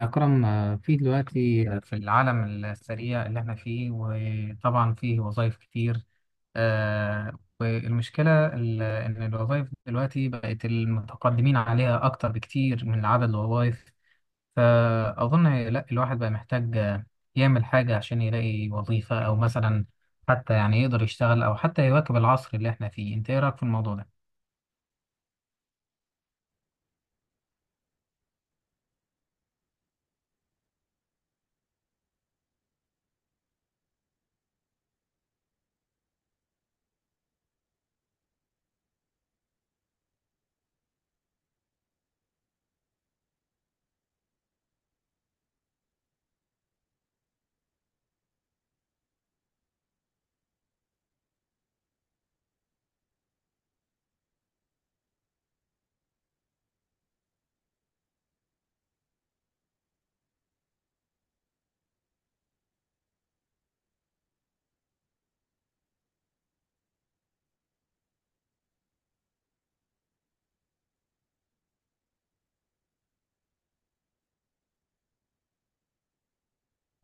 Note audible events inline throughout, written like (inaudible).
أكرم في دلوقتي في العالم السريع اللي احنا فيه، وطبعا فيه وظائف كتير. والمشكلة إن الوظائف دلوقتي بقت المتقدمين عليها أكتر بكتير من عدد الوظائف. فأظن لا، الواحد بقى محتاج يعمل حاجة عشان يلاقي وظيفة، أو مثلا حتى يعني يقدر يشتغل، أو حتى يواكب العصر اللي احنا فيه. أنت إيه رأيك في الموضوع ده؟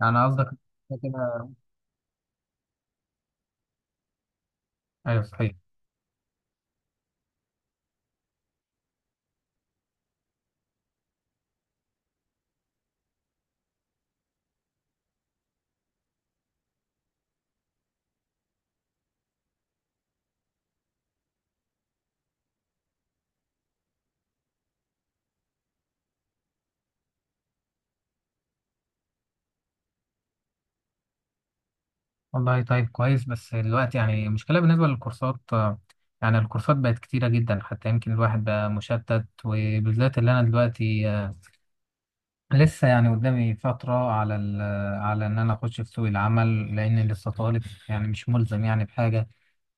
يعني قصدك كده؟ أيوه صحيح. والله طيب كويس، بس دلوقتي يعني المشكلة بالنسبة للكورسات، يعني الكورسات بقت كتيرة جدا، حتى يمكن الواحد بقى مشتت، وبالذات اللي أنا دلوقتي لسه يعني قدامي فترة على على إن أنا أخش في سوق العمل، لأني لسه طالب، يعني مش ملزم يعني بحاجة.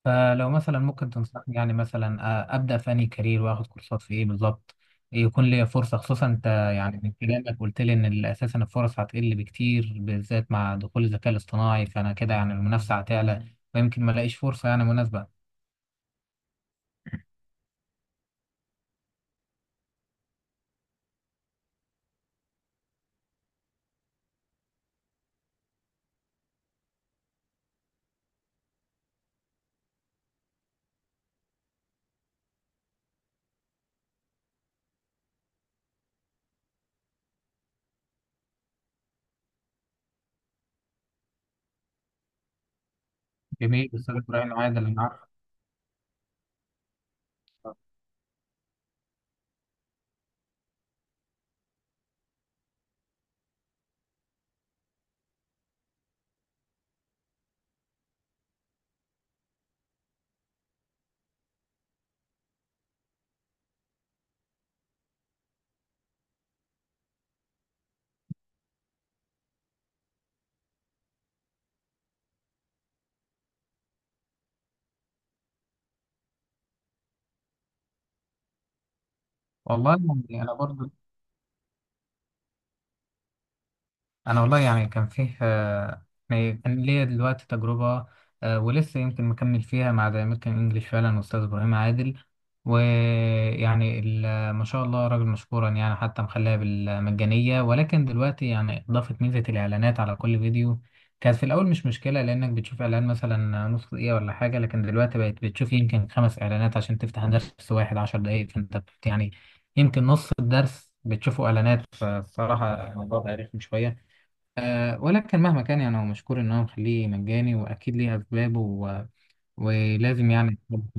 فلو مثلا ممكن تنصحني يعني مثلا ابدا في انهي كارير، واخد كورسات في ايه بالظبط يكون ليا فرصه، خصوصا انت يعني من كلامك قلت لي ان اساسا الفرص هتقل بكتير، بالذات مع دخول الذكاء الاصطناعي، فانا كده يعني المنافسه هتعلى، ويمكن ما الاقيش فرصه يعني مناسبه. جميل، استاذ ابراهيم عادل انا عارف. والله يعني انا برضو، انا والله يعني كان فيه يعني كان ليا دلوقتي تجربه ولسه يمكن مكمل فيها مع ذا امريكان انجلش، فعلا استاذ ابراهيم عادل ويعني ما شاء الله، راجل مشكورا يعني، حتى مخليها بالمجانيه، ولكن دلوقتي يعني اضافت ميزه الاعلانات على كل فيديو. كانت في الاول مش مشكله، لانك بتشوف اعلان مثلا نص دقيقه ولا حاجه، لكن دلوقتي بقت بتشوف يمكن خمس اعلانات عشان تفتح درس واحد عشر دقائق، يعني يمكن نص الدرس بتشوفوا اعلانات، فالصراحه الموضوع بقى رخم شويه. ولكن مهما كان يعني، هو مشكور إن هو مخليه مجاني، وأكيد ليه أسبابه ولازم يعني (laughs)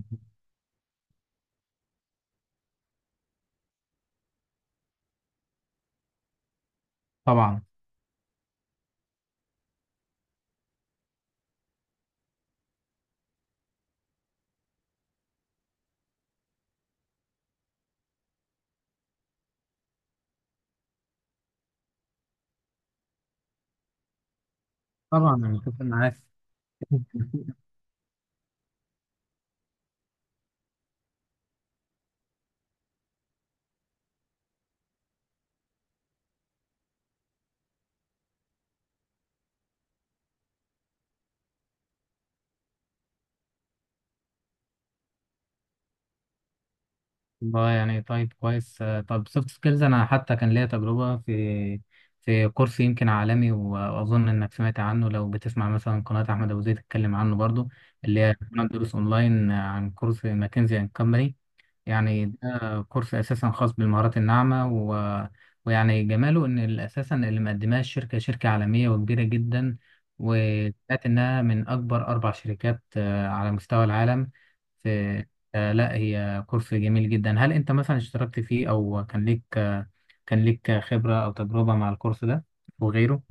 طبعا. طبعا أنا متفق معاك. (laughs) والله يعني طيب كويس، طب سوفت سكيلز، أنا حتى كان ليا تجربة في في كورس يمكن عالمي، وأظن إنك سمعت عنه، لو بتسمع مثلا قناة أحمد أبو زيد تتكلم عنه برضو، اللي هي قناة دروس أونلاين، عن كورس ماكنزي أند كومباني. يعني ده كورس اساسا خاص بالمهارات الناعمه ويعني جماله ان اساسا اللي مقدماه الشركه، شركه عالميه وكبيره جدا، وسمعت انها من اكبر اربع شركات على مستوى العالم في لا، هي كورس جميل جدا. هل انت مثلا اشتركت فيه، او كان ليك كان ليك خبره او تجربه مع الكورس ده وغيره؟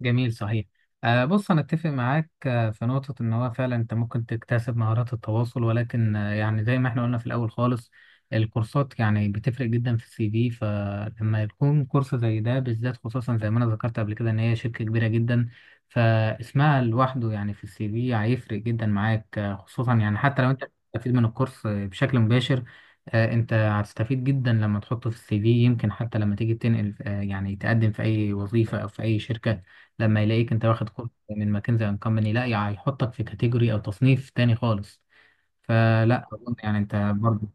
جميل صحيح. بص أنا أتفق معاك في نقطة إن هو فعلا أنت ممكن تكتسب مهارات التواصل، ولكن يعني زي ما إحنا قلنا في الأول خالص، الكورسات يعني بتفرق جدا في السي في. فلما يكون كورس زي ده بالذات، خصوصا زي ما أنا ذكرت قبل كده إن هي شركة كبيرة جدا، فاسمها لوحده يعني في السي في هيفرق جدا معاك، خصوصا يعني حتى لو أنت بتستفيد من الكورس بشكل مباشر. انت هتستفيد جدا لما تحطه في السي في، يمكن حتى لما تيجي تنقل، يعني تقدم في اي وظيفة او في اي شركة، لما يلاقيك انت واخد كورس من ماكنزي اند كومباني، لا يعني هيحطك في كاتيجوري او تصنيف تاني خالص. فلا اظن يعني انت برضه.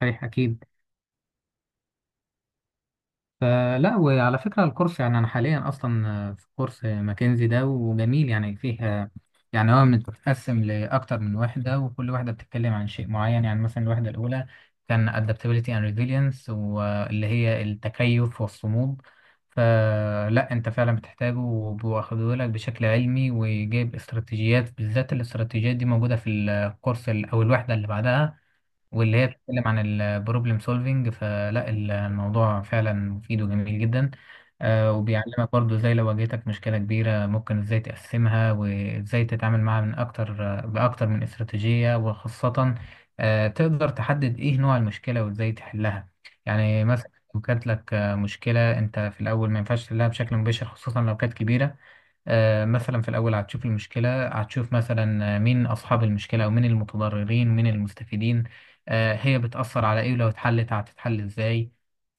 صحيح اكيد. فلا، وعلى فكرة الكورس، يعني أنا حاليا أصلا في كورس ماكنزي ده، وجميل يعني فيها. يعني هو متقسم لأكتر من وحدة، وكل وحدة بتتكلم عن شيء معين، يعني مثلا الوحدة الأولى كان adaptability and resilience، واللي هي التكيف والصمود. فلا أنت فعلا بتحتاجه، وبياخدوه لك بشكل علمي، وجايب استراتيجيات، بالذات الاستراتيجيات دي موجودة في الكورس أو الوحدة اللي بعدها، واللي هي بتتكلم عن البروبلم سولفينج. فلا الموضوع فعلا مفيد وجميل جدا. وبيعلمك برضو ازاي لو واجهتك مشكلة كبيرة، ممكن ازاي تقسمها وازاي تتعامل معاها من اكتر، بأكتر من استراتيجية. وخاصة تقدر تحدد ايه نوع المشكلة وازاي تحلها. يعني مثلا لو كانت لك مشكلة، انت في الاول ما ينفعش تحلها بشكل مباشر، خصوصا لو كانت كبيرة. مثلا في الأول هتشوف المشكلة، هتشوف مثلا مين أصحاب المشكلة، ومين المتضررين، ومين المستفيدين، هي بتأثر على إيه، ولو اتحلت هتتحل إزاي.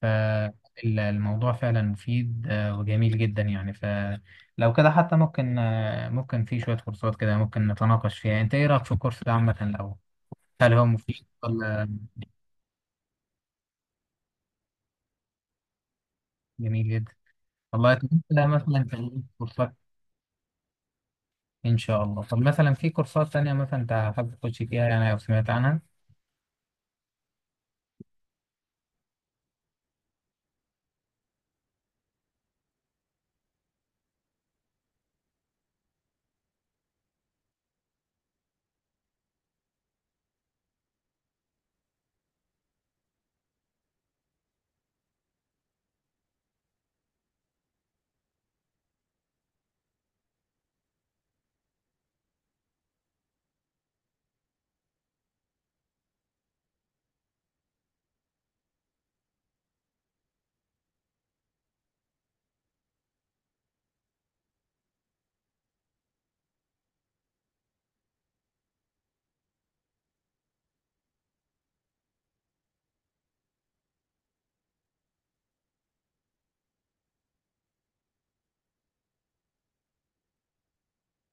فالموضوع فعلا مفيد وجميل جدا يعني. فلو كده حتى ممكن ممكن في شوية كورسات كده ممكن نتناقش فيها. أنت إيه رأيك في الكورس ده عامة الأول؟ هل هو مفيد، ولا جميل جدا؟ والله، طب أنت مثلا في كورسات، إن شاء الله، طب مثلا في كورسات تانية مثلا أنت حابب تخش فيها يعني لو سمعت عنها؟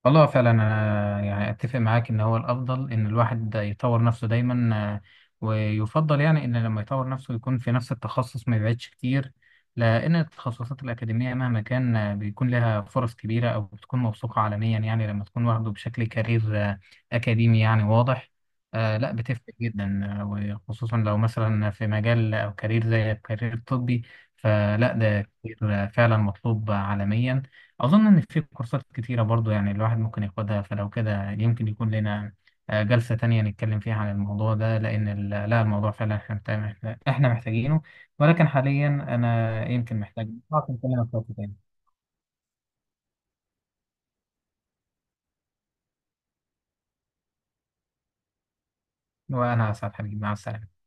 والله فعلا انا يعني اتفق معاك ان هو الافضل ان الواحد يطور نفسه دايما. ويفضل يعني ان لما يطور نفسه يكون في نفس التخصص، ما يبعدش كتير، لان التخصصات الاكاديميه مهما كان بيكون لها فرص كبيره، او بتكون موثوقه عالميا، يعني لما تكون واخده بشكل كارير آه، اكاديمي يعني واضح. لا بتفرق جدا، وخصوصا لو مثلا في مجال او كارير زي الكارير الطبي، فلا ده كتير فعلا مطلوب عالميا. أظن إن في كورسات كتيرة برضو يعني الواحد ممكن ياخدها، فلو كده يمكن يكون لنا جلسة تانية نتكلم فيها عن الموضوع ده، لأن لا، الموضوع فعلا إحنا إحنا محتاجينه. ولكن حاليا أنا يمكن محتاج، ممكن أكلمك في وقت تاني. وأنا أسعد حبيبي، مع السلامة.